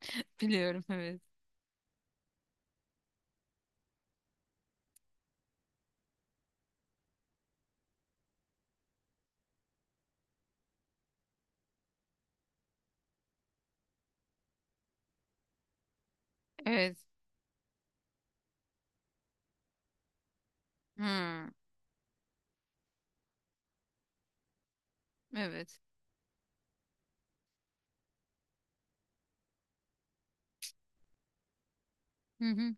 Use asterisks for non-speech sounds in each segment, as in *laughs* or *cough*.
*laughs* Biliyorum, evet. Evet. Hmm, evet. Hı hı.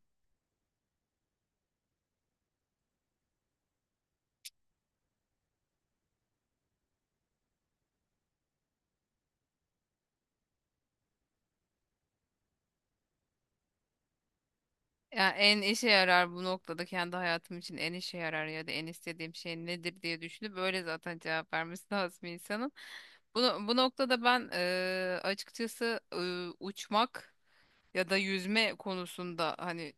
Ya en işe yarar bu noktada kendi hayatım için en işe yarar ya da en istediğim şey nedir diye düşünüp böyle zaten cevap vermesi *laughs* lazım insanın. Bu, bu noktada ben açıkçası uçmak ya da yüzme konusunda hani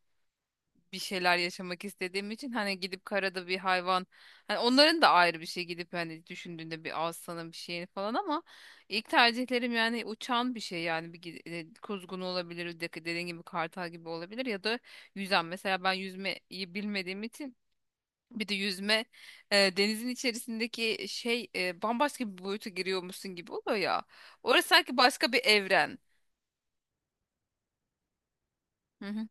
bir şeyler yaşamak istediğim için hani gidip karada bir hayvan, hani onların da ayrı bir şey, gidip hani düşündüğünde bir aslanın bir şeyini falan, ama ilk tercihlerim yani uçan bir şey, yani kuzgun olabilir, dediğin gibi kartal gibi olabilir ya da yüzen. Mesela ben yüzmeyi bilmediğim için, bir de yüzme, denizin içerisindeki şey, bambaşka bir boyuta giriyormuşsun gibi oluyor ya. Orası sanki başka bir evren. Hı hı.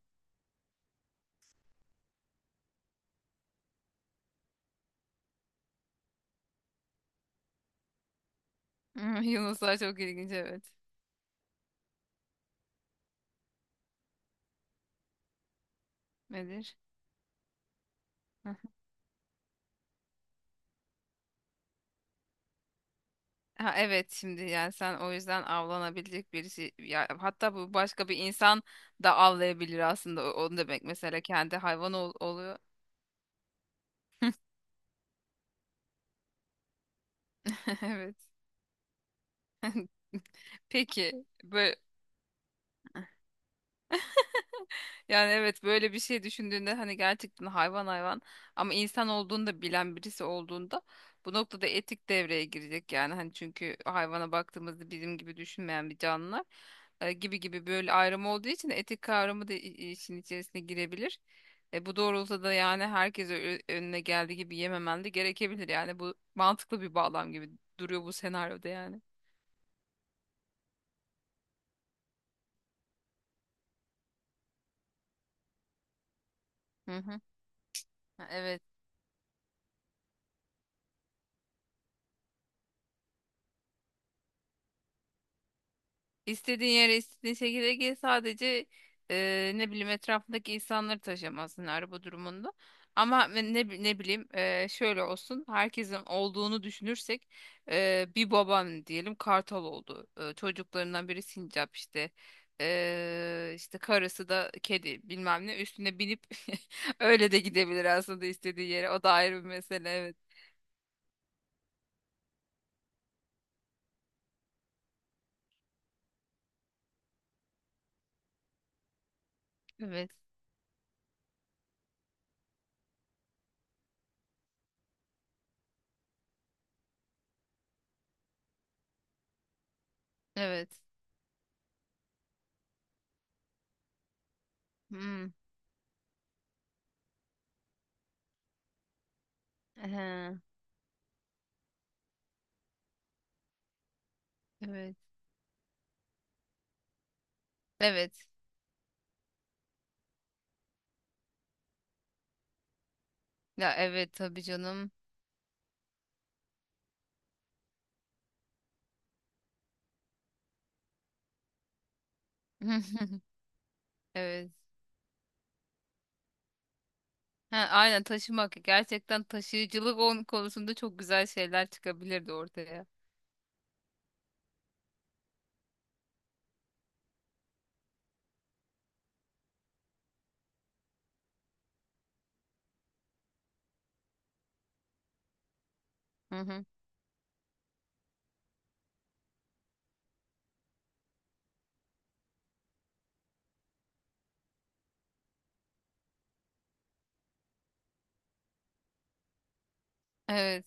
*laughs* Hı, Yunuslar çok ilginç, evet. Nedir? Ha, evet, şimdi yani sen o yüzden avlanabilecek birisi ya, hatta bu başka bir insan da avlayabilir aslında, onu demek, mesela kendi hayvan oluyor. *laughs* Evet. Peki böyle Yani evet, böyle bir şey düşündüğünde hani gerçekten hayvan hayvan, ama insan olduğunu da bilen birisi olduğunda, bu noktada etik devreye girecek. Yani hani çünkü hayvana baktığımızda bizim gibi düşünmeyen bir canlılar gibi gibi, böyle ayrım olduğu için etik kavramı da işin içerisine girebilir. Bu doğrultuda da yani herkese önüne geldiği gibi yememen de gerekebilir. Yani bu mantıklı bir bağlam gibi duruyor bu senaryoda yani. Hı hı. Ha, evet. İstediğin yere istediğin şekilde gel sadece, ne bileyim, etrafındaki insanları taşımasın araba durumunda. Ama ne bileyim, şöyle olsun, herkesin olduğunu düşünürsek bir baban diyelim kartal oldu. Çocuklarından biri sincap işte. İşte karısı da kedi bilmem ne üstüne binip *laughs* öyle de gidebilir aslında istediği yere. O da ayrı bir mesele, evet. Evet. Evet. Hmm. Ehe. Evet. Evet. Ya evet, tabii canım. *laughs* Evet. Ha, aynen, taşımak. Gerçekten taşıyıcılık onun konusunda çok güzel şeyler çıkabilirdi ortaya. Hı hı. Evet.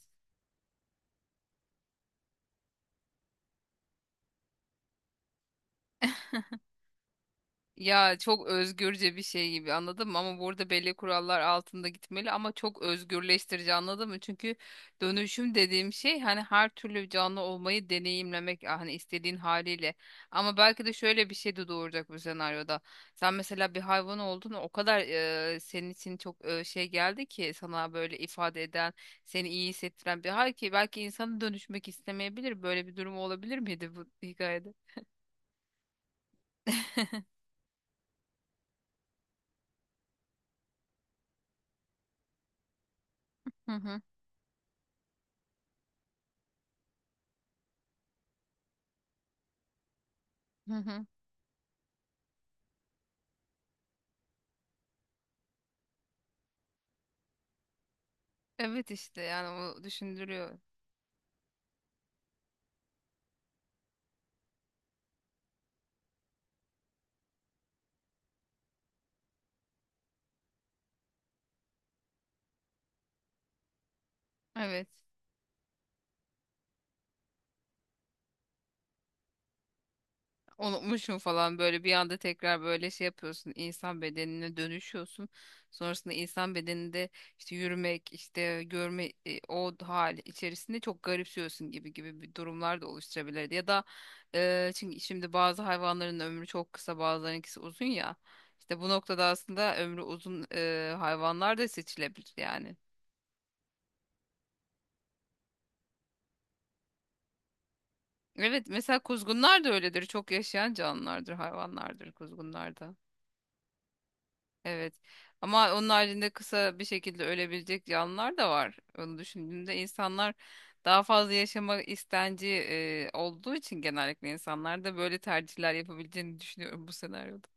Ya çok özgürce bir şey gibi, anladın mı? Ama burada belli kurallar altında gitmeli, ama çok özgürleştirici, anladın mı? Çünkü dönüşüm dediğim şey hani her türlü canlı olmayı deneyimlemek, ah, hani istediğin haliyle. Ama belki de şöyle bir şey de doğuracak bu senaryoda. Sen mesela bir hayvan oldun, o kadar senin için çok şey geldi ki, sana böyle ifade eden, seni iyi hissettiren bir hal ki, belki insana dönüşmek istemeyebilir. Böyle bir durum olabilir miydi bu hikayede? *laughs* Hı hı. Hı hı. Evet, işte yani o düşündürüyor. Evet. Unutmuşum falan böyle, bir anda tekrar böyle şey yapıyorsun, insan bedenine dönüşüyorsun. Sonrasında insan bedeninde işte yürümek, işte görme, o hal içerisinde çok garipsiyorsun gibi gibi bir durumlar da oluşturabilirdi. Ya da çünkü şimdi bazı hayvanların ömrü çok kısa, bazılarınınkisi uzun ya. İşte bu noktada aslında ömrü uzun hayvanlar da seçilebilir yani. Evet, mesela kuzgunlar da öyledir. Çok yaşayan canlılardır, hayvanlardır kuzgunlar da. Evet. Ama onun haricinde kısa bir şekilde ölebilecek canlılar da var. Onu düşündüğümde insanlar daha fazla yaşama istenci olduğu için, genellikle insanlar da böyle tercihler yapabileceğini düşünüyorum bu senaryoda.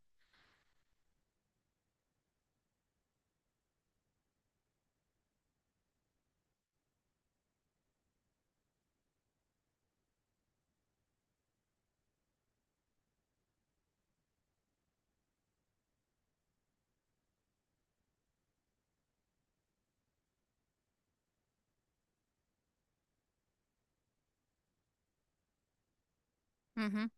Hı hı.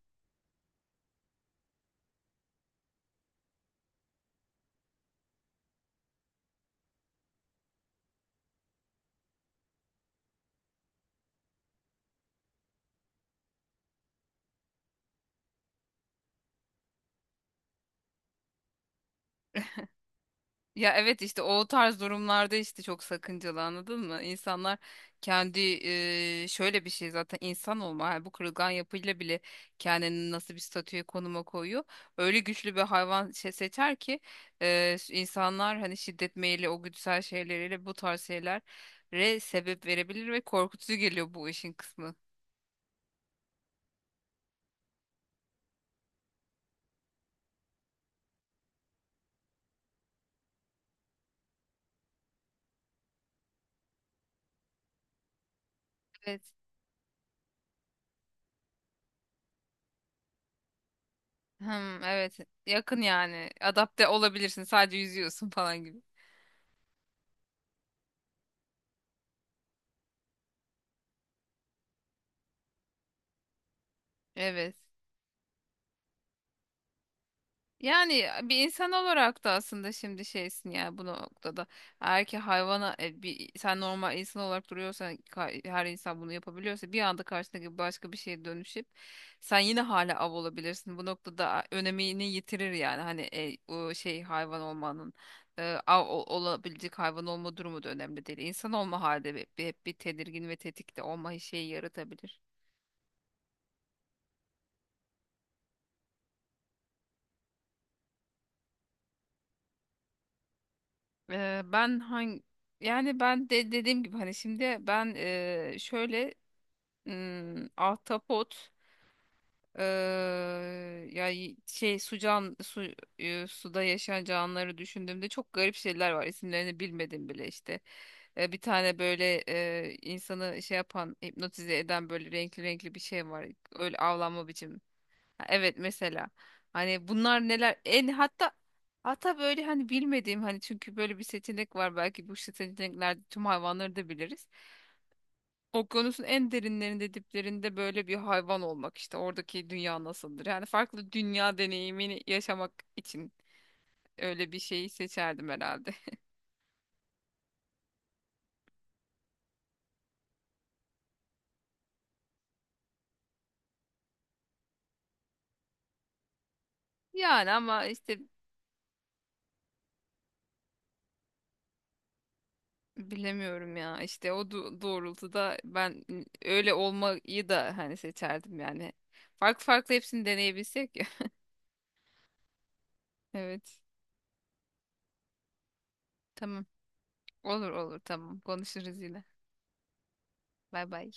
Ya evet, işte o tarz durumlarda işte çok sakıncalı, anladın mı? İnsanlar kendi şöyle bir şey, zaten insan olma yani, bu kırılgan yapıyla bile kendini nasıl bir statüye, konuma koyuyor. Öyle güçlü bir hayvan şey seçer ki insanlar hani şiddet meyili, o güdüsel şeyleriyle bu tarz şeylere sebep verebilir ve korkutucu geliyor bu işin kısmı. Evet. Hmm, evet, yakın yani, adapte olabilirsin, sadece yüzüyorsun falan gibi. Evet. Yani bir insan olarak da aslında şimdi şeysin ya bu noktada. Eğer ki hayvana bir, sen normal insan olarak duruyorsan, her insan bunu yapabiliyorsa, bir anda karşındaki başka bir şeye dönüşüp sen yine hala av olabilirsin. Bu noktada önemini yitirir yani, hani o şey, hayvan olmanın av olabilecek hayvan olma durumu da önemli değil. İnsan olma halde hep bir tedirgin ve tetikte olma şeyi yaratabilir. E, ben hangi Yani ben de dediğim gibi hani şimdi ben şöyle, ahtapot, yani şey, su can su e, suda yaşayan canlıları düşündüğümde çok garip şeyler var, isimlerini bilmedim bile işte. Bir tane böyle, insanı şey yapan, hipnotize eden, böyle renkli renkli bir şey var, öyle avlanma biçimi. Ha, evet mesela, hani bunlar neler en hatta hatta böyle hani bilmediğim, hani çünkü böyle bir seçenek var, belki bu seçeneklerde tüm hayvanları da biliriz. Okyanusun en derinlerinde, diplerinde böyle bir hayvan olmak, işte oradaki dünya nasıldır? Yani farklı dünya deneyimini yaşamak için öyle bir şeyi seçerdim herhalde. *laughs* Yani ama işte bilemiyorum ya, işte o doğrultuda ben öyle olmayı da hani seçerdim yani. Farklı farklı hepsini deneyebilsek ya. *laughs* Evet, tamam, olur olur, tamam, konuşuruz yine. Bay bay.